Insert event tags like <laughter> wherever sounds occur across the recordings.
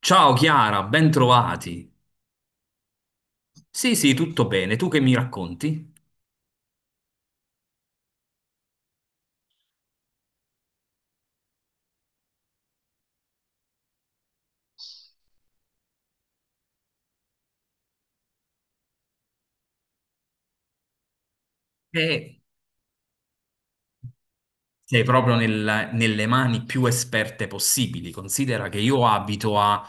Ciao Chiara, ben trovati. Sì, sì, tutto bene. Tu che mi racconti? Eh, Sei proprio nelle mani più esperte possibili. Considera che io abito a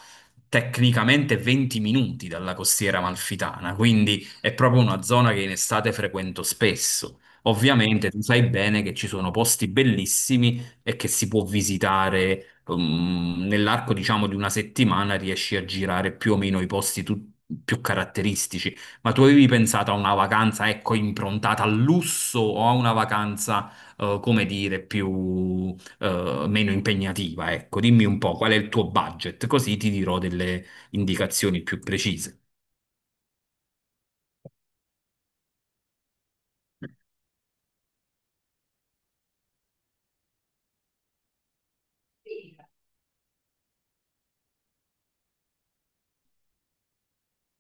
tecnicamente 20 minuti dalla costiera amalfitana, quindi è proprio una zona che in estate frequento spesso. Ovviamente tu sai bene che ci sono posti bellissimi e che si può visitare, nell'arco, diciamo, di una settimana riesci a girare più o meno i posti più caratteristici. Ma tu avevi pensato a una vacanza, ecco, improntata al lusso o a una vacanza come dire, più, meno impegnativa, ecco. Dimmi un po' qual è il tuo budget, così ti dirò delle indicazioni più precise.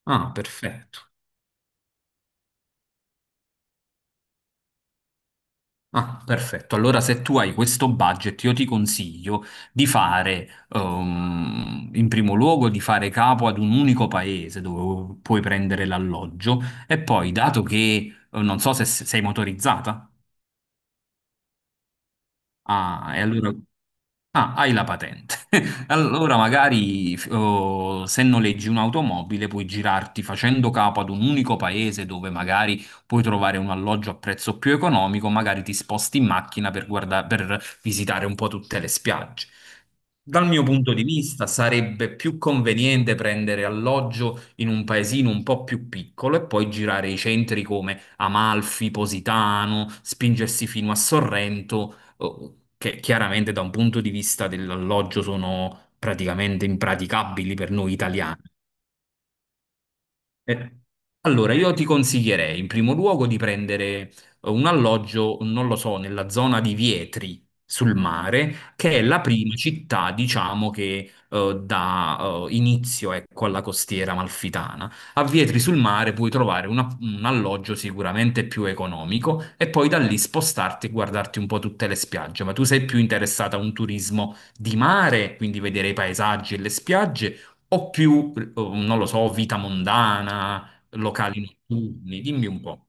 Ah, perfetto. Ah, perfetto. Allora, se tu hai questo budget, io ti consiglio di fare, in primo luogo, di fare capo ad un unico paese dove puoi prendere l'alloggio e poi, dato che, non so se sei motorizzata, ah, e allora... Ah, hai la patente. <laughs> Allora magari oh, se noleggi un'automobile puoi girarti facendo capo ad un unico paese dove magari puoi trovare un alloggio a prezzo più economico, magari ti sposti in macchina per per visitare un po' tutte le spiagge. Dal mio punto di vista, sarebbe più conveniente prendere alloggio in un paesino un po' più piccolo e poi girare i centri come Amalfi, Positano, spingersi fino a Sorrento, che chiaramente da un punto di vista dell'alloggio sono praticamente impraticabili per noi italiani. Eh, Allora, io ti consiglierei in primo luogo di prendere un alloggio, non lo so, nella zona di Vietri sul mare, che è la prima città, diciamo, che dà inizio, ecco, alla costiera amalfitana. A Vietri sul mare puoi trovare un alloggio sicuramente più economico e poi da lì spostarti e guardarti un po' tutte le spiagge. Ma tu sei più interessata a un turismo di mare, quindi vedere i paesaggi e le spiagge o più, oh, non lo so, vita mondana, locali notturni, dimmi un po'.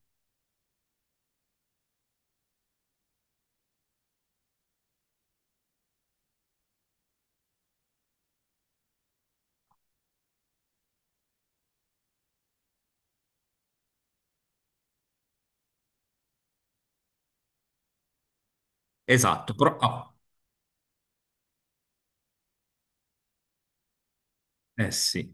Esatto, però... ah, eh sì.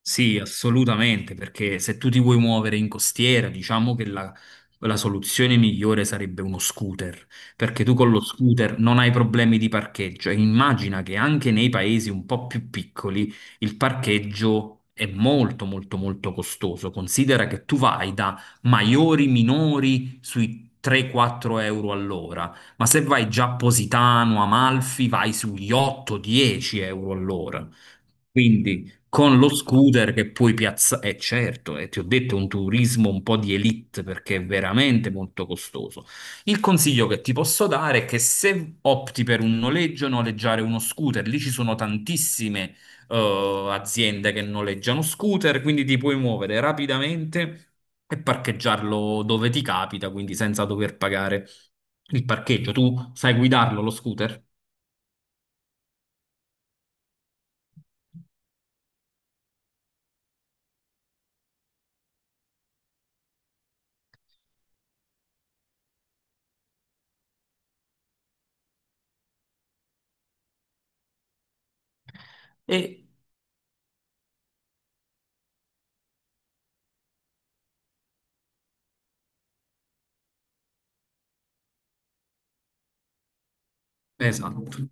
Sì, assolutamente, perché se tu ti vuoi muovere in costiera, diciamo la soluzione migliore sarebbe uno scooter, perché tu con lo scooter non hai problemi di parcheggio. E immagina che anche nei paesi un po' più piccoli il parcheggio è molto, molto, molto costoso. Considera che tu vai da maiori, minori sui 3-4 euro all'ora, ma se vai già a Positano, Amalfi, vai sugli 8-10 euro all'ora. Quindi con lo scooter che puoi piazzare, certo, e ti ho detto è un turismo un po' di elite perché è veramente molto costoso. Il consiglio che ti posso dare è che se opti per un noleggio, noleggiare uno scooter, lì ci sono tantissime aziende che noleggiano scooter, quindi ti puoi muovere rapidamente e parcheggiarlo dove ti capita, quindi senza dover pagare il parcheggio. Tu sai guidarlo lo scooter? E... Esatto.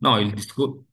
No, il discorso.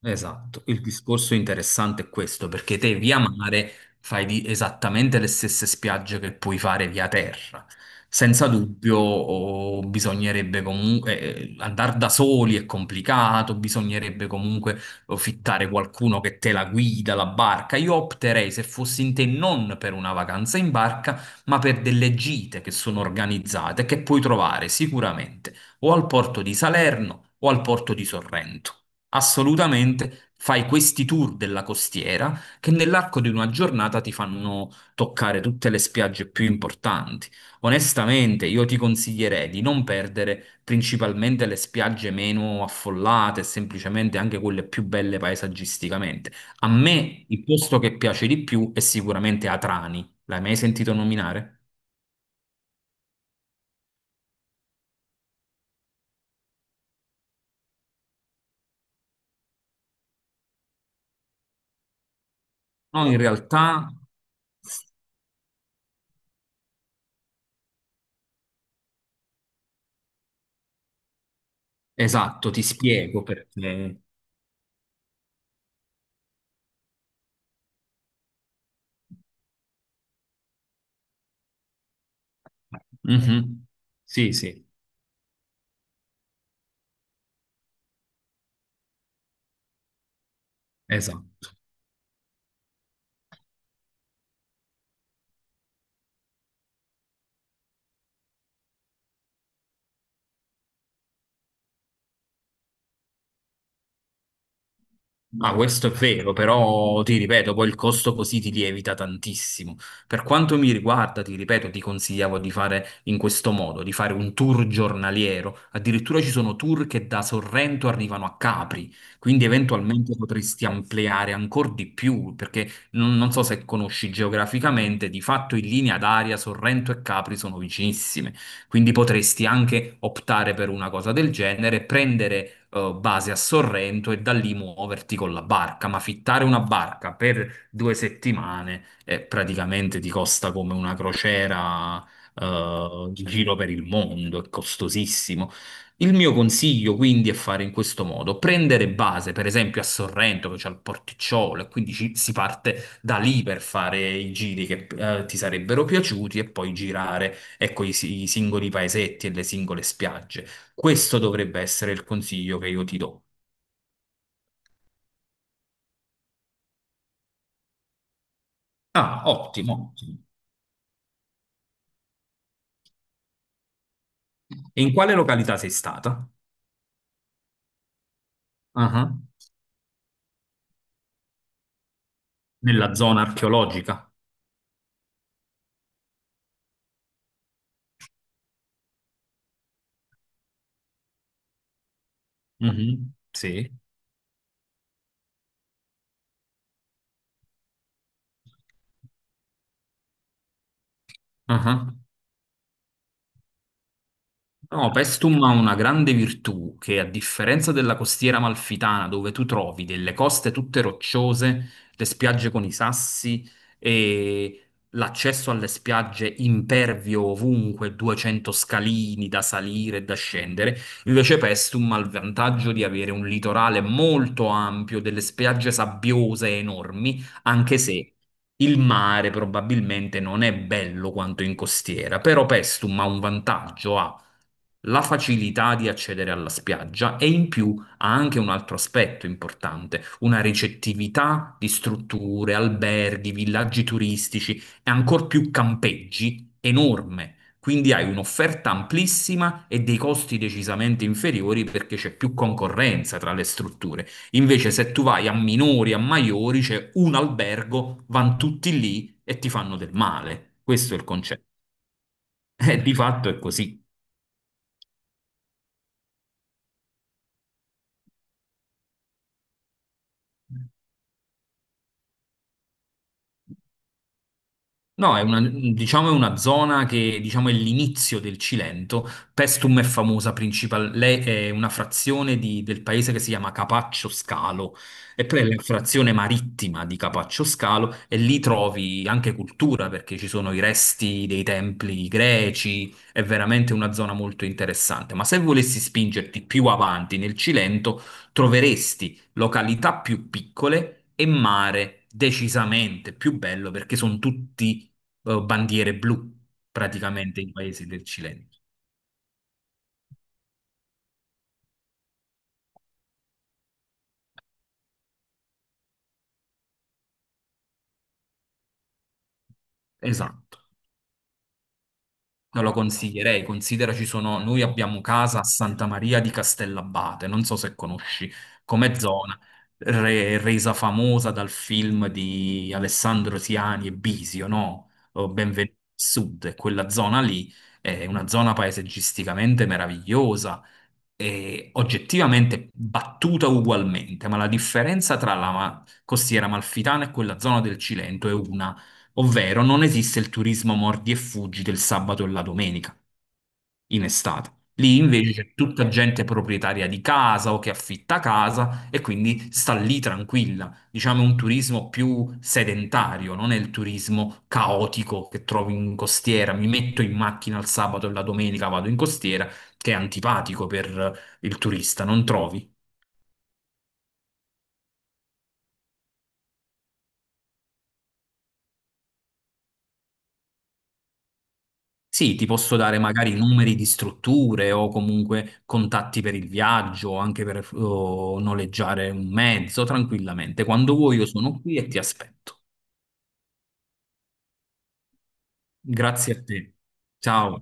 Esatto, il discorso interessante è questo, perché te via mare esattamente le stesse spiagge che puoi fare via terra. Senza dubbio, oh, bisognerebbe comunque andare da soli è complicato, bisognerebbe comunque oh, fittare qualcuno che te la guida, la barca. Io opterei, se fossi in te, non per una vacanza in barca, ma per delle gite che sono organizzate, che puoi trovare sicuramente o al porto di Salerno o al porto di Sorrento. Assolutamente, fai questi tour della costiera che nell'arco di una giornata ti fanno toccare tutte le spiagge più importanti. Onestamente, io ti consiglierei di non perdere principalmente le spiagge meno affollate, semplicemente anche quelle più belle paesaggisticamente. A me il posto che piace di più è sicuramente Atrani. L'hai mai sentito nominare? No, in realtà, esatto, ti spiego perché. Mhm. Sì, sì, esatto. Ah, questo è vero, però ti ripeto, poi il costo così ti lievita tantissimo. Per quanto mi riguarda, ti ripeto, ti consigliavo di fare in questo modo, di fare un tour giornaliero. Addirittura ci sono tour che da Sorrento arrivano a Capri, quindi eventualmente potresti ampliare ancora di più, perché non so se conosci geograficamente, di fatto in linea d'aria Sorrento e Capri sono vicinissime. Quindi potresti anche optare per una cosa del genere, prendere base a Sorrento e da lì muoverti con la barca, ma fittare una barca per due settimane praticamente ti costa come una crociera in giro per il mondo, è costosissimo. Il mio consiglio quindi è fare in questo modo, prendere base per esempio a Sorrento che c'è il porticciolo e quindi si parte da lì per fare i giri che ti sarebbero piaciuti e poi girare ecco, i singoli paesetti e le singole spiagge. Questo dovrebbe essere il consiglio che io ti do. Ah, ottimo. Ottimo. E in quale località sei stata? Ah, nella zona archeologica? Mhm. Sì. Ah. No, Pestum ha una grande virtù che, a differenza della costiera amalfitana, dove tu trovi delle coste tutte rocciose, le spiagge con i sassi e l'accesso alle spiagge impervio ovunque, 200 scalini da salire e da scendere, invece Pestum ha il vantaggio di avere un litorale molto ampio, delle spiagge sabbiose enormi, anche se... Il mare probabilmente non è bello quanto in costiera, però Pestum ha un vantaggio, ha la facilità di accedere alla spiaggia e in più ha anche un altro aspetto importante, una ricettività di strutture, alberghi, villaggi turistici e ancor più campeggi enorme. Quindi hai un'offerta amplissima e dei costi decisamente inferiori perché c'è più concorrenza tra le strutture. Invece se tu vai a Minori, a Maiori, c'è un albergo, vanno tutti lì e ti fanno del male. Questo è il concetto. <laughs> E di fatto è così. No, è una, diciamo è una zona che diciamo, è l'inizio del Cilento. Pestum è famosa principalmente, è una frazione del paese che si chiama Capaccio Scalo, e poi è la frazione marittima di Capaccio Scalo, e lì trovi anche cultura perché ci sono i resti dei templi greci, è veramente una zona molto interessante. Ma se volessi spingerti più avanti nel Cilento, troveresti località più piccole e mare decisamente più bello perché sono tutti bandiere blu praticamente in paesi del Cilento. Esatto. Non lo consiglierei, considera ci sono, noi abbiamo casa a Santa Maria di Castellabate, non so se conosci come zona, resa famosa dal film di Alessandro Siani e Bisio, no? Oh, Benvenuti al Sud, e quella zona lì è una zona paesaggisticamente meravigliosa e oggettivamente battuta ugualmente, ma la differenza tra la costiera amalfitana e quella zona del Cilento è una, ovvero non esiste il turismo mordi e fuggi del sabato e la domenica in estate. Lì invece c'è tutta gente proprietaria di casa o che affitta casa e quindi sta lì tranquilla. Diciamo è un turismo più sedentario, non è il turismo caotico che trovi in costiera. Mi metto in macchina il sabato e la domenica vado in costiera, che è antipatico per il turista, non trovi? Sì, ti posso dare magari numeri di strutture o comunque contatti per il viaggio, anche per noleggiare un mezzo tranquillamente. Quando vuoi io sono qui e ti aspetto. Grazie a te. Ciao.